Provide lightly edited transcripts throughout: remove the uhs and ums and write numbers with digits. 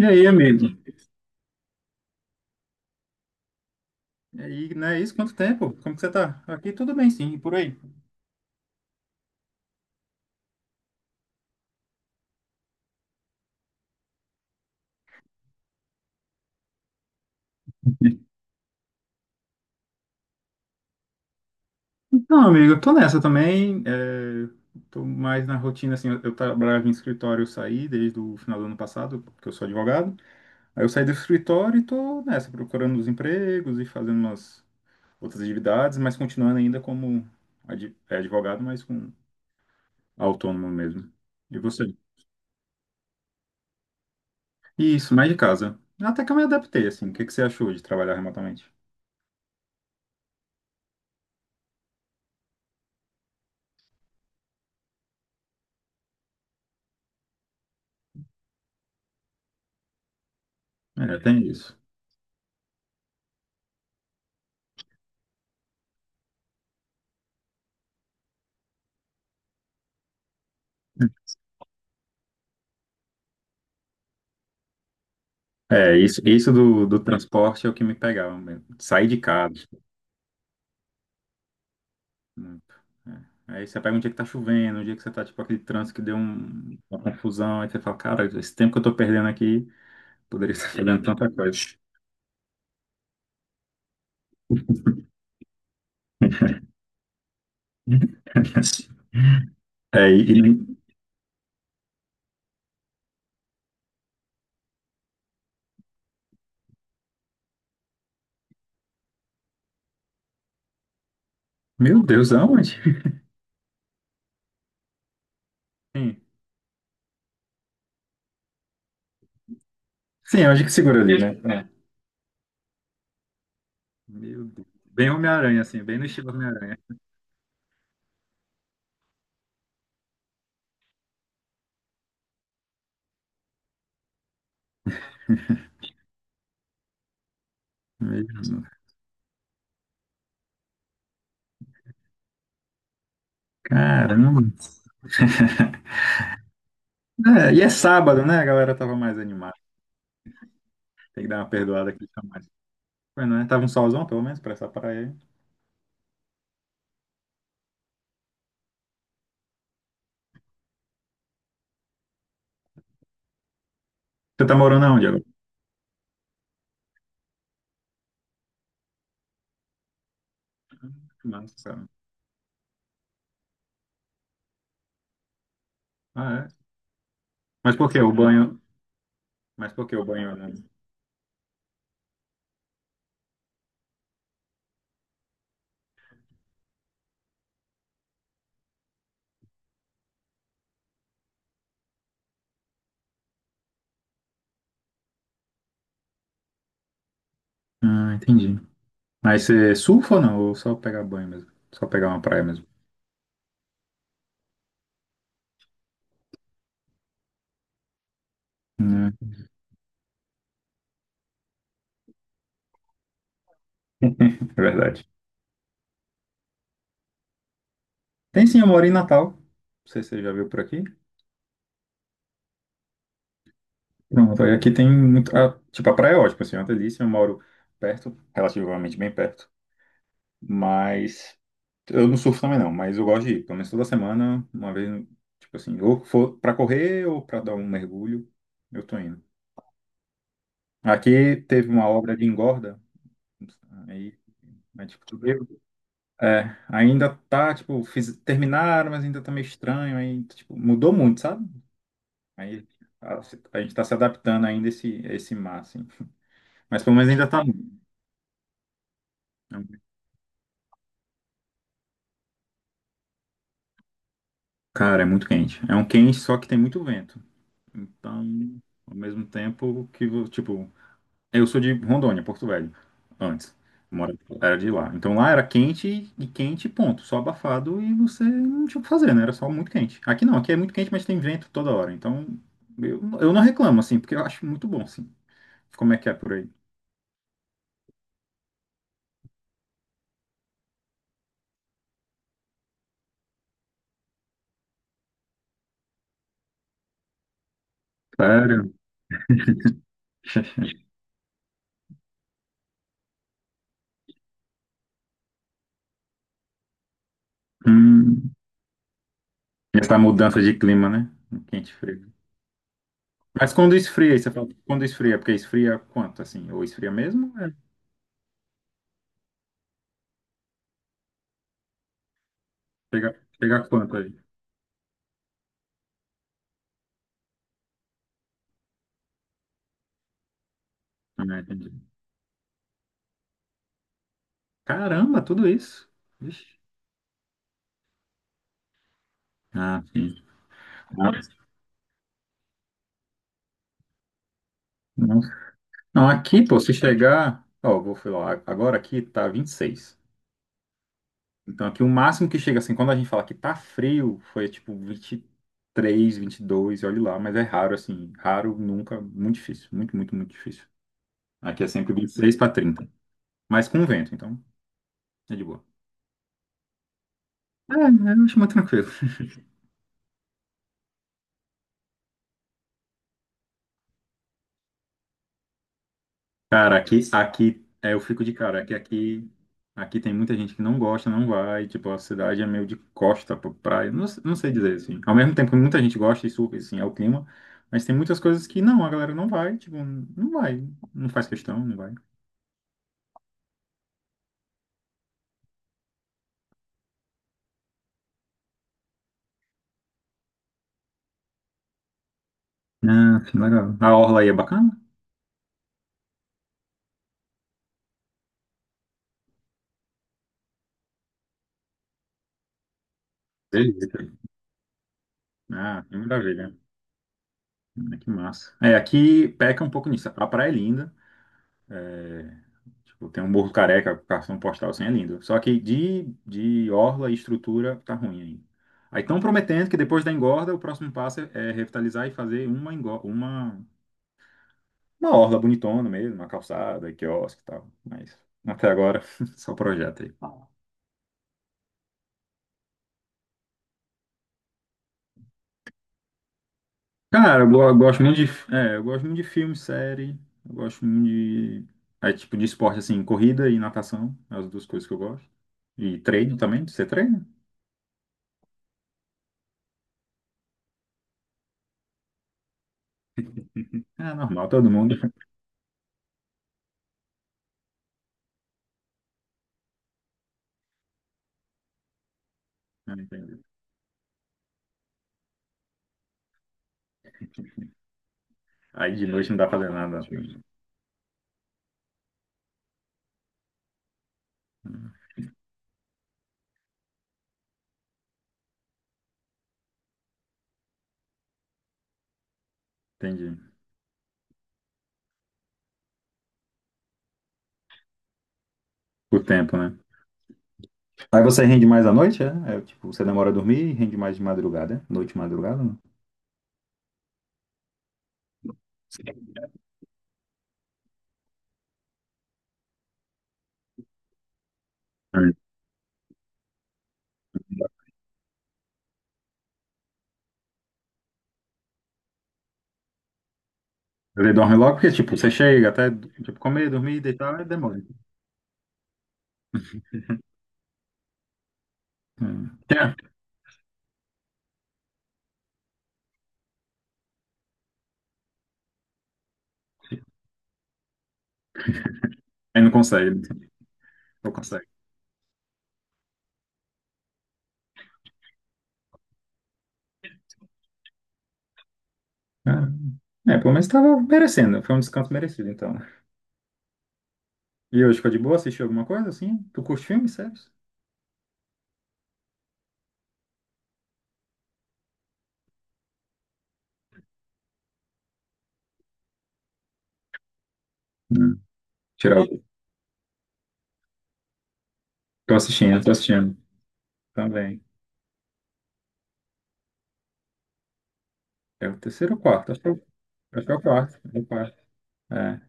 E aí, amigo? E aí, não é isso? Quanto tempo? Como que você tá? Aqui tudo bem, sim, e por aí. Então, amigo, eu tô nessa também. Tô mais na rotina, assim, eu trabalhava em escritório, eu saí desde o final do ano passado, porque eu sou advogado. Aí eu saí do escritório e tô nessa, procurando os empregos e fazendo umas outras atividades, mas continuando ainda como advogado, mas com autônomo mesmo. E você? Isso, mais de casa. Até que eu me adaptei, assim. O que que você achou de trabalhar remotamente? É, tem isso. É, isso do, transporte é o que me pegava mesmo. Sair de casa. Muito. É. Aí você pega um dia que tá chovendo, um dia que você tá, tipo, aquele trânsito que deu uma confusão, aí você fala, cara, esse tempo que eu tô perdendo aqui, poderia estar fazendo tanta coisa. É, e, e- Meu Deus, aonde? Sim. Sim, é onde que segura ali, né? É. Meu Deus. Bem Homem-Aranha, assim, bem no estilo Homem-Aranha. Mesmo. Caramba. É, e é sábado, né? A galera tava mais animada. Tem que dar uma perdoada aqui. Foi, não é? Tava um solzão, pelo menos, pra essa praia aí. Você tá morando aonde agora? Não, sabe. Ah, é? Mas por que o banho? Mas por que o banho? Né? Ah, entendi. Mas você surfa ou não? Ou só pegar banho mesmo? Só pegar uma praia mesmo? Hum, é verdade. Tem sim, eu moro em Natal. Não sei se você já viu por aqui. Pronto, aí aqui tem muito. Ah, tipo, a praia é ótima, assim, é uma delícia. Eu moro perto, relativamente bem perto. Mas. Eu não surfo também não, mas eu gosto de ir. Pelo menos toda semana, uma vez, tipo assim, ou for pra correr ou pra dar um mergulho, eu tô indo. Aqui teve uma obra de engorda, aí, mas, tipo, tudo- ainda tá, tipo, terminaram, mas ainda tá meio estranho, aí, tipo, mudou muito, sabe? Aí a, a gente tá se adaptando ainda a esse mar, assim. Mas pelo menos ainda tá. Muito. é um- Cara, é muito quente. É um quente, só que tem muito vento. Então, ao mesmo tempo que, eu sou de Rondônia, Porto Velho, antes. Eu mora- Era de lá. Então lá era quente e quente, ponto. Só abafado e você não tinha o que fazer, né? Era só muito quente. Aqui não, aqui é muito quente, mas tem vento toda hora. Então eu não reclamo, assim, porque eu acho muito bom, assim. Como é que é por aí? Sério? Hum, essa mudança de clima, né? Quente e frio. Mas quando esfria, você fala, quando esfria, porque esfria quanto, assim? Ou esfria mesmo? É. Chega a quanto aí? Ah, entendi. Caramba, tudo isso. Vixe. Ah, sim. Nossa. Não, aqui, pô, se chegar. Ó, vou falar, agora aqui tá 26. Então aqui o máximo que chega assim, quando a gente fala que tá frio, foi tipo 23, 22, olha lá, mas é raro assim, raro nunca, muito difícil, muito, muito, muito difícil. Aqui é sempre 26 para 30, mas com vento, então é de boa. É, eu acho muito tranquilo. Cara, é, eu fico de cara, que aqui tem muita gente que não gosta, não vai, tipo, a cidade é meio de costa pra praia, não, não sei dizer, assim. Ao mesmo tempo que muita gente gosta, isso, assim, é o clima, mas tem muitas coisas que não, a galera não vai, tipo, não faz questão, não vai. Ah, que legal. A orla aí é bacana? Beleza. Ah, que maravilha. Ah, que massa. É, aqui peca um pouco nisso. A praia é linda, é. Tipo, tem um Morro Careca, cartão postal, assim, é lindo. Só que de orla e estrutura tá ruim ainda. Aí estão prometendo que depois da engorda, o próximo passo é revitalizar e fazer uma, uma orla bonitona mesmo, uma calçada, quiosque e tal. Mas até agora, só projeto aí. Cara, eu gosto muito de, é, eu gosto muito de filme, série, eu gosto muito de, é, tipo, de esporte, assim, corrida e natação, é as duas coisas que eu gosto. E treino também, você treina? É normal, todo mundo. Ah, entendi. Aí de noite não dá pra fazer nada. Entendi. Por tempo, né? Aí você rende mais à noite, é? É, tipo, você demora a dormir e rende mais de madrugada, é? Noite e madrugada, não? Hum. Você dorme logo porque, tipo, você chega até, tipo, comer, dormir, deitar, e demora. Hum. É, aí não consegue. É, é, pelo menos tava merecendo, foi um descanso merecido, então. E hoje ficou de boa, assistiu alguma coisa, assim? Tu curte filme, sério? Hum. Tirar o... Tô assistindo, tô assistindo. Também. É o terceiro ou quarto? Acho que é o acho que é o quarto. É o quarto. É.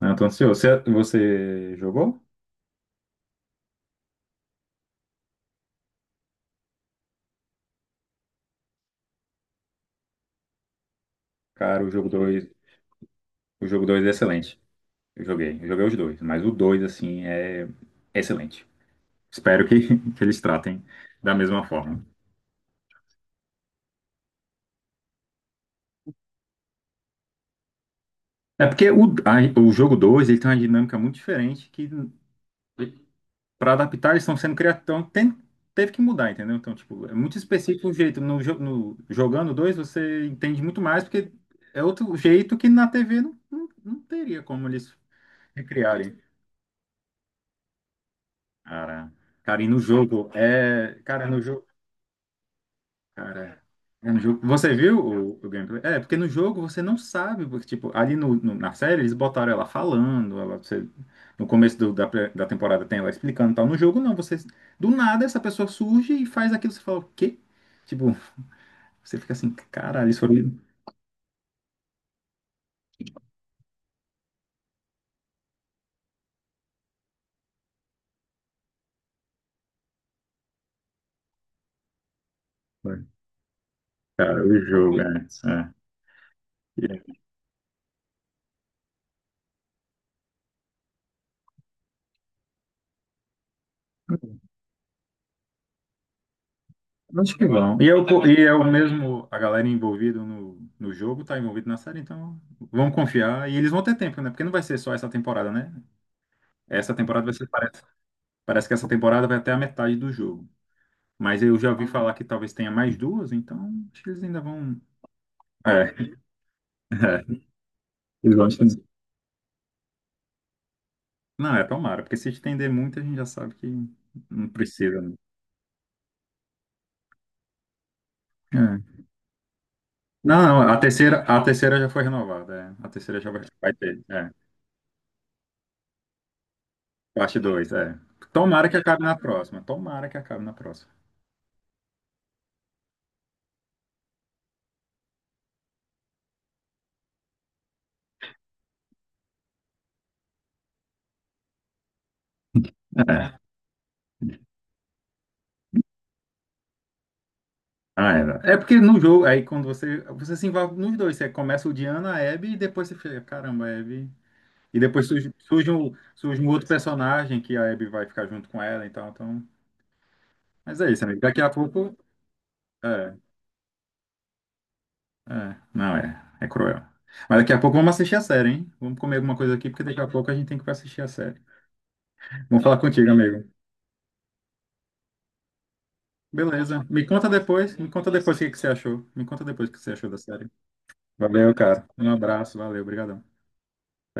Não, tô ansioso. Você jogou? Cara, o jogo 2 é excelente. Eu joguei os dois, mas o 2 assim, é excelente. Espero que, que eles tratem da mesma forma. É porque o jogo 2 ele tem uma dinâmica muito diferente que, para adaptar, eles estão sendo criativos, então teve que mudar, entendeu? Então, tipo, é muito específico o jeito. No, jo- no, jogando 2 você entende muito mais, porque é outro jeito que na TV não teria como eles recriarem. Cara, e no jogo é, no jogo, cara, é no jogo. Você viu o gameplay? É, porque no jogo você não sabe, porque tipo, ali na série eles botaram ela falando, no começo da temporada tem ela explicando, e tal. No jogo não, você do nada essa pessoa surge e faz aquilo, você fala, o quê? Tipo, você fica assim, caralho, isso foi, cara, o jogo, é. Acho que vão. E é e é o mesmo, a galera envolvida no jogo tá envolvida na série, então vamos confiar. E eles vão ter tempo, né? Porque não vai ser só essa temporada, né? Essa temporada vai ser, parece que essa temporada vai até a metade do jogo. Mas eu já ouvi falar que talvez tenha mais duas, então acho que eles ainda vão. É, é, eles vão estender. Não, é tomara, porque se estender muito, a gente já sabe que não precisa, né? É. Não, não, a terceira já foi renovada. É. A terceira já vai, vai ter. É. Parte 2, é. Tomara que acabe na próxima. Tomara que acabe na próxima. É. Né? Ah, era. É porque no jogo, aí quando você. Você se envolve nos dois. Você começa odiando a Abby e depois você fica, caramba, a Abby. E depois surge um outro personagem que a Abby vai ficar junto com ela, então. Então... Mas é isso, amigo. Daqui a pouco. É, Não, é. É cruel. Mas daqui a pouco vamos assistir a série, hein? Vamos comer alguma coisa aqui, porque daqui a pouco a gente tem que ir pra assistir a série. Vamos falar contigo, amigo. Beleza. Me conta depois. Me conta depois o que que você achou. Me conta depois o que você achou da série. Valeu, cara. Um abraço, valeu, obrigadão.